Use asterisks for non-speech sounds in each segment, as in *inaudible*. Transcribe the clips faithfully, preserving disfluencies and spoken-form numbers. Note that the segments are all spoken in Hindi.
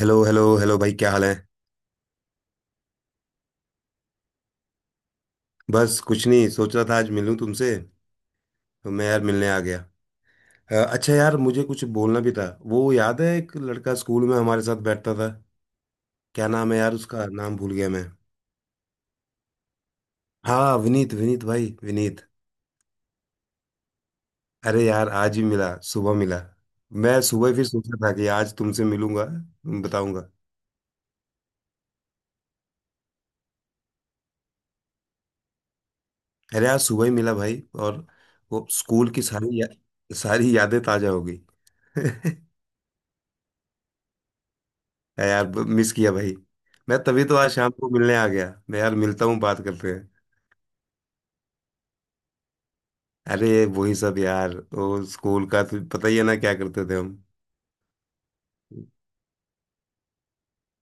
हेलो हेलो हेलो भाई, क्या हाल है। बस कुछ नहीं, सोच रहा था आज मिलूं तुमसे, तो मैं यार मिलने आ गया। अ, अच्छा यार, मुझे कुछ बोलना भी था। वो याद है, एक लड़का स्कूल में हमारे साथ बैठता था। क्या नाम है यार, उसका नाम भूल गया मैं। हाँ विनीत, विनीत भाई विनीत। अरे यार आज ही मिला, सुबह मिला। मैं सुबह ही फिर सोचा था कि आज तुमसे मिलूंगा, तुम बताऊंगा। अरे आज सुबह ही मिला भाई, और वो स्कूल की सारी या, सारी यादें ताजा हो गई। *laughs* है यार, मिस किया भाई। मैं तभी तो आज शाम को मिलने आ गया, मैं यार मिलता हूँ, बात करते हैं। अरे वही सब यार, वो स्कूल का तो पता ही है ना, क्या करते थे हम।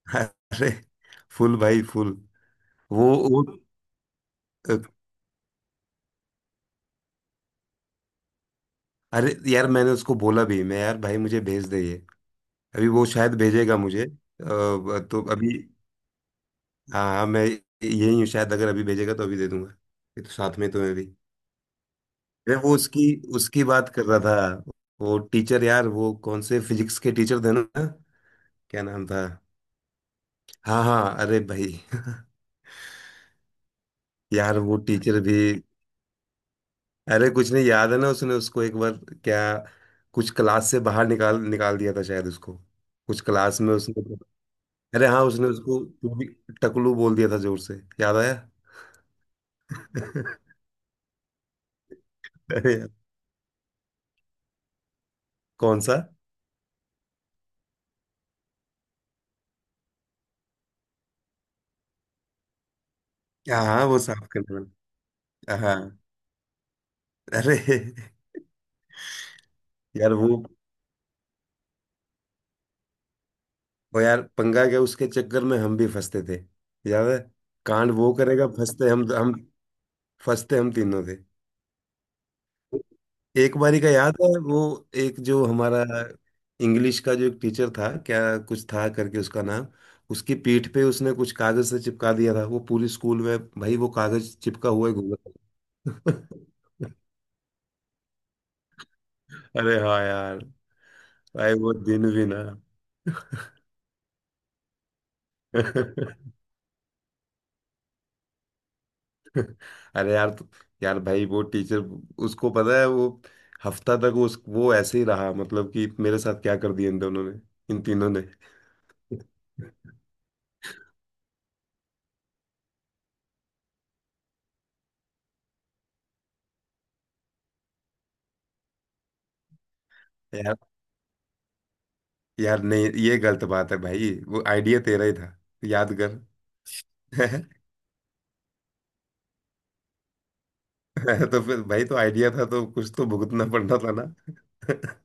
*laughs* अरे फुल भाई फुल। वो वो अरे यार, मैंने उसको बोला भी, मैं यार भाई मुझे भेज दे ये। अभी वो शायद भेजेगा मुझे अ, तो अभी, हाँ हाँ, मैं यही हूँ, शायद अगर अभी भेजेगा तो अभी दे दूंगा। ये तो साथ में तो मैं भी। अरे वो उसकी उसकी बात कर रहा था। वो टीचर यार, वो कौन से फिजिक्स के टीचर थे ना, क्या नाम था। हाँ हाँ अरे भाई। *laughs* यार वो टीचर भी। अरे कुछ नहीं, याद है ना उसने उसको एक बार, क्या, कुछ क्लास से बाहर निकाल निकाल दिया था शायद उसको, कुछ क्लास में उसने। अरे हाँ उसने उसको टकलू बोल दिया था, जोर से। याद आया। *laughs* अरे यार, कौन सा। हाँ हाँ, वो साफ करने वाला। हाँ। अरे। *laughs* यार वो वो यार, पंगा क्या उसके चक्कर में हम भी फंसते थे। याद है। कांड वो करेगा, फंसते हम हम फंसते हम तीनों थे। एक बारी का याद है वो, एक जो हमारा इंग्लिश का जो एक टीचर था क्या, कुछ था करके उसका नाम, उसकी पीठ पे उसने कुछ कागज से चिपका दिया था, वो पूरी स्कूल में भाई वो कागज चिपका हुआ ही घूम रहा था। *laughs* अरे हाँ यार, भाई वो दिन भी ना। *laughs* अरे यार तो, यार भाई वो टीचर, उसको पता है वो हफ्ता तक उस वो ऐसे ही रहा, मतलब कि मेरे साथ क्या कर दिया इन दोनों ने, इन तीनों ने। *laughs* यार, यार नहीं ये गलत बात है भाई, वो आइडिया तेरा ही था, याद कर। *laughs* तो फिर भाई, तो आइडिया था तो कुछ तो भुगतना पड़ना था ना। *laughs*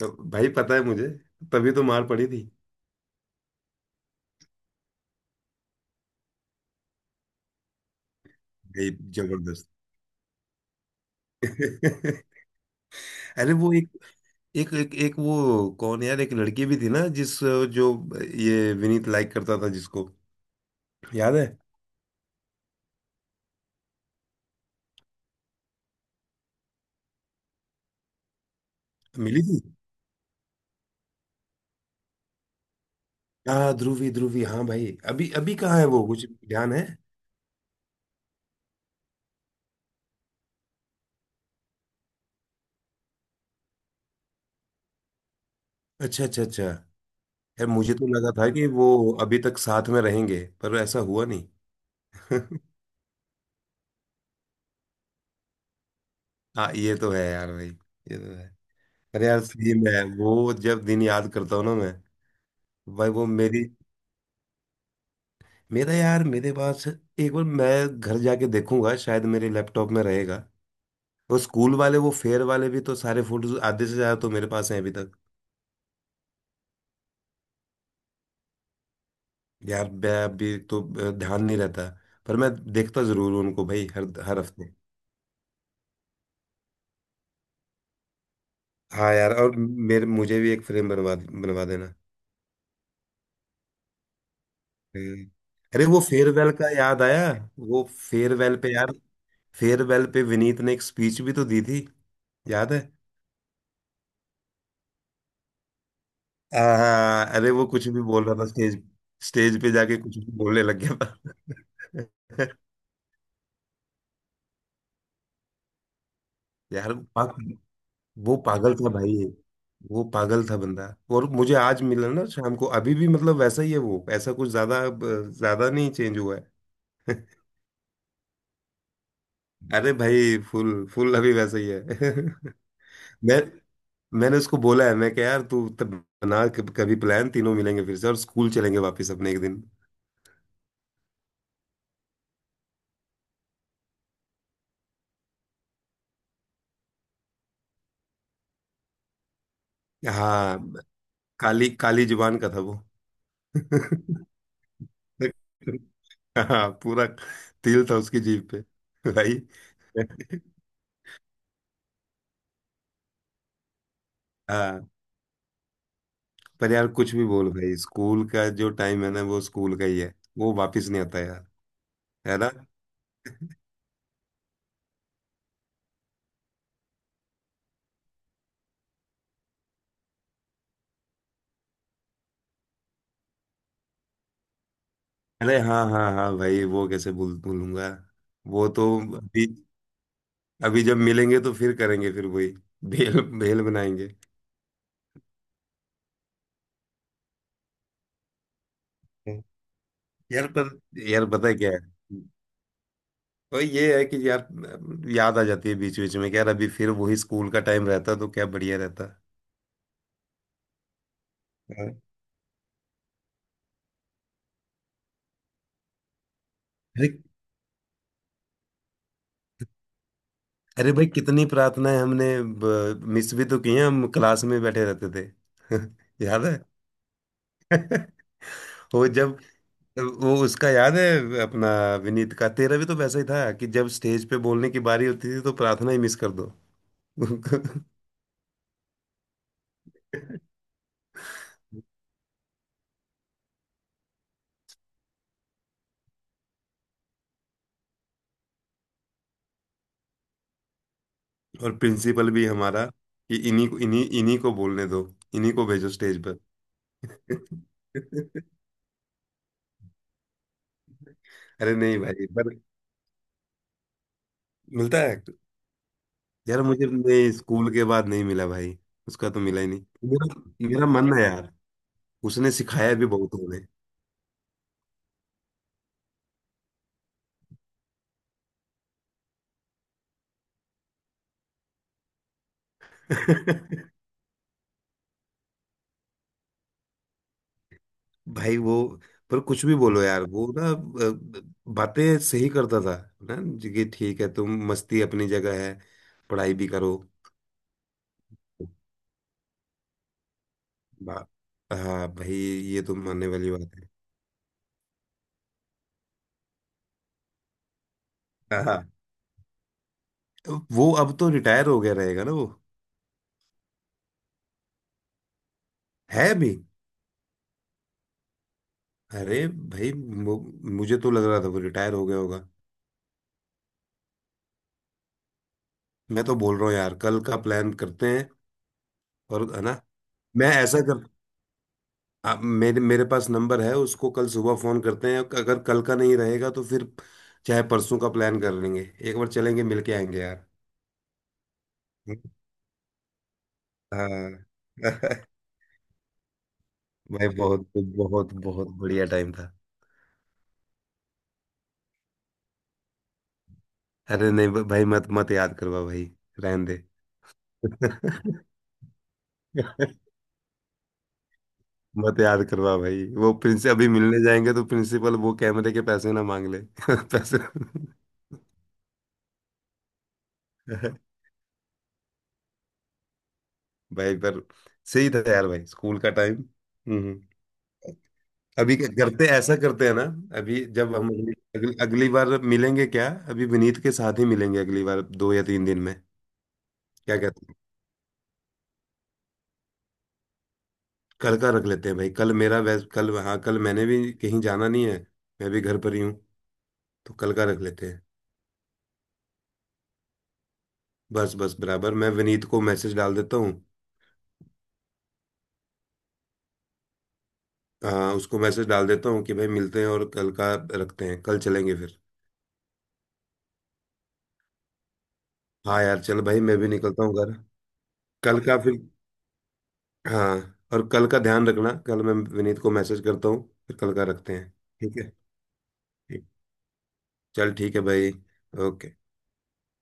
तो भाई पता है मुझे, तभी तो मार पड़ी थी भाई, जबरदस्त। *laughs* अरे वो एक, एक एक एक वो कौन यार, एक लड़की भी थी ना, जिस, जो, ये विनीत लाइक करता था जिसको। याद है, मिली थी। हाँ ध्रुवी ध्रुवी, हाँ भाई अभी अभी कहाँ है वो, कुछ ध्यान है। अच्छा अच्छा अच्छा। यार मुझे तो लगा था कि वो अभी तक साथ में रहेंगे, पर ऐसा हुआ नहीं। *laughs* हाँ, ये तो है यार भाई, ये तो है। अरे यार सेम है, वो जब दिन याद करता हूँ ना मैं। भाई वो मेरी, मेरा यार, मेरे पास एक बार मैं घर जाके देखूंगा, शायद मेरे लैपटॉप में रहेगा। वो स्कूल वाले वो फेयर वाले भी तो सारे फोटोज आधे से ज्यादा तो मेरे पास हैं अभी तक। यार मैं अभी तो अ, ध्यान नहीं रहता, पर मैं देखता जरूर हूँ उनको भाई, हर हर हफ्ते। हाँ यार, और मेरे मुझे भी एक फ्रेम बनवा बनवा देना। हम्म। अरे वो फेयरवेल का याद आया, वो फेयरवेल पे यार, फेयरवेल पे विनीत ने एक स्पीच भी तो दी थी, याद है। आ, हाँ, अरे वो कुछ भी बोल रहा था स्टेज स्टेज पे जाके कुछ भी बोलने लग गया था। *laughs* यार वो पाग- वो पागल था भाई, वो पागल था बंदा। और मुझे आज मिला ना शाम को, अभी भी मतलब वैसा ही है वो, ऐसा कुछ ज्यादा अब, ज्यादा नहीं चेंज हुआ है। *laughs* अरे भाई फुल फुल अभी वैसा ही है। *laughs* मैं, मैंने उसको बोला है, मैं क्या यार तू तब बना कब- कभी प्लान, तीनों मिलेंगे फिर से और स्कूल चलेंगे वापस अपने एक दिन। हाँ, काली काली जुबान का था वो। *laughs* हाँ पूरा, तिल था उसकी जीभ पे भाई। हाँ, पर यार कुछ भी बोल भाई, स्कूल का जो टाइम है ना, वो स्कूल का ही है, वो वापस नहीं आता यार। है ना। अरे हाँ हाँ हाँ भाई, वो कैसे भूल भूलूंगा। वो तो अभी अभी जब मिलेंगे तो फिर करेंगे फिर वही भेल भेल बनाएंगे। यार पर, यार पता है क्या है, तो ये है कि यार, याद आ जाती है बीच बीच में, कि यार अभी फिर वही स्कूल का टाइम रहता तो क्या बढ़िया रहता। हाँ। अरे अरे भाई, कितनी प्रार्थनाएं हमने मिस भी तो की हैं, हम क्लास में बैठे रहते थे। *laughs* याद है। *laughs* वो जब, वो उसका याद है अपना, विनीत का, तेरा भी तो वैसा ही था कि जब स्टेज पे बोलने की बारी होती थी तो प्रार्थना ही मिस कर दो। *laughs* और प्रिंसिपल भी हमारा कि इन्हीं को, इन्हीं इन्हीं को बोलने दो, इन्हीं को भेजो स्टेज पर। *laughs* अरे नहीं भाई पर, मिलता है, यार मुझे नहीं, स्कूल के बाद नहीं मिला भाई, उसका तो मिला ही नहीं मेरा। मेरा मन है यार, उसने सिखाया भी बहुत हमें। *laughs* भाई वो, पर कुछ भी बोलो यार वो ना अ, बातें सही करता था, ना जी, कि ठीक है तुम मस्ती अपनी जगह है, पढ़ाई भी करो। बा- हाँ भाई, ये तो मानने वाली बात है। *laughs* तो वो अब तो रिटायर हो गया रहेगा ना वो। है भी। अरे भाई मु- मुझे तो लग रहा था वो रिटायर हो गया होगा। मैं तो बोल रहा हूँ यार कल का प्लान करते हैं, और है ना। मैं ऐसा कर, आ, मेरे मेरे पास नंबर है, उसको कल सुबह फोन करते हैं, अगर कल का नहीं रहेगा तो फिर चाहे परसों का प्लान कर लेंगे, एक बार चलेंगे मिलके आएंगे यार। हाँ। *laughs* भाई बहुत बहुत बहुत बढ़िया टाइम था। अरे नहीं भाई, मत मत याद करवा भाई, रहने दे। *laughs* मत याद करवा भाई, वो प्रिंस अभी मिलने जाएंगे तो प्रिंसिपल वो कैमरे के पैसे ना मांग ले। *laughs* पैसे। भाई पर सही था यार भाई, स्कूल का टाइम। हम्म हम्म। अभी क्या करते, ऐसा करते हैं ना, अभी जब हम अगली, अगली, अगली बार मिलेंगे, क्या अभी विनीत के साथ ही मिलेंगे अगली बार, दो या तीन दिन में। क्या कहते हैं। कल का रख लेते हैं भाई, कल मेरा वैस कल, हाँ कल मैंने भी कहीं जाना नहीं है, मैं भी घर पर ही हूँ, तो कल का रख लेते हैं। बस बस बराबर, मैं विनीत को मैसेज डाल देता हूँ। हाँ उसको मैसेज डाल देता हूँ, कि भाई मिलते हैं और कल का रखते हैं, कल चलेंगे फिर। हाँ यार चल भाई, मैं भी निकलता हूँ घर। कल का फिर। हाँ, और कल का ध्यान रखना, कल मैं विनीत को मैसेज करता हूँ फिर, कल का रखते हैं। ठीक है। ठीक। चल ठीक है भाई। ओके।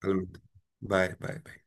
कल मिलते हैं, बाय बाय।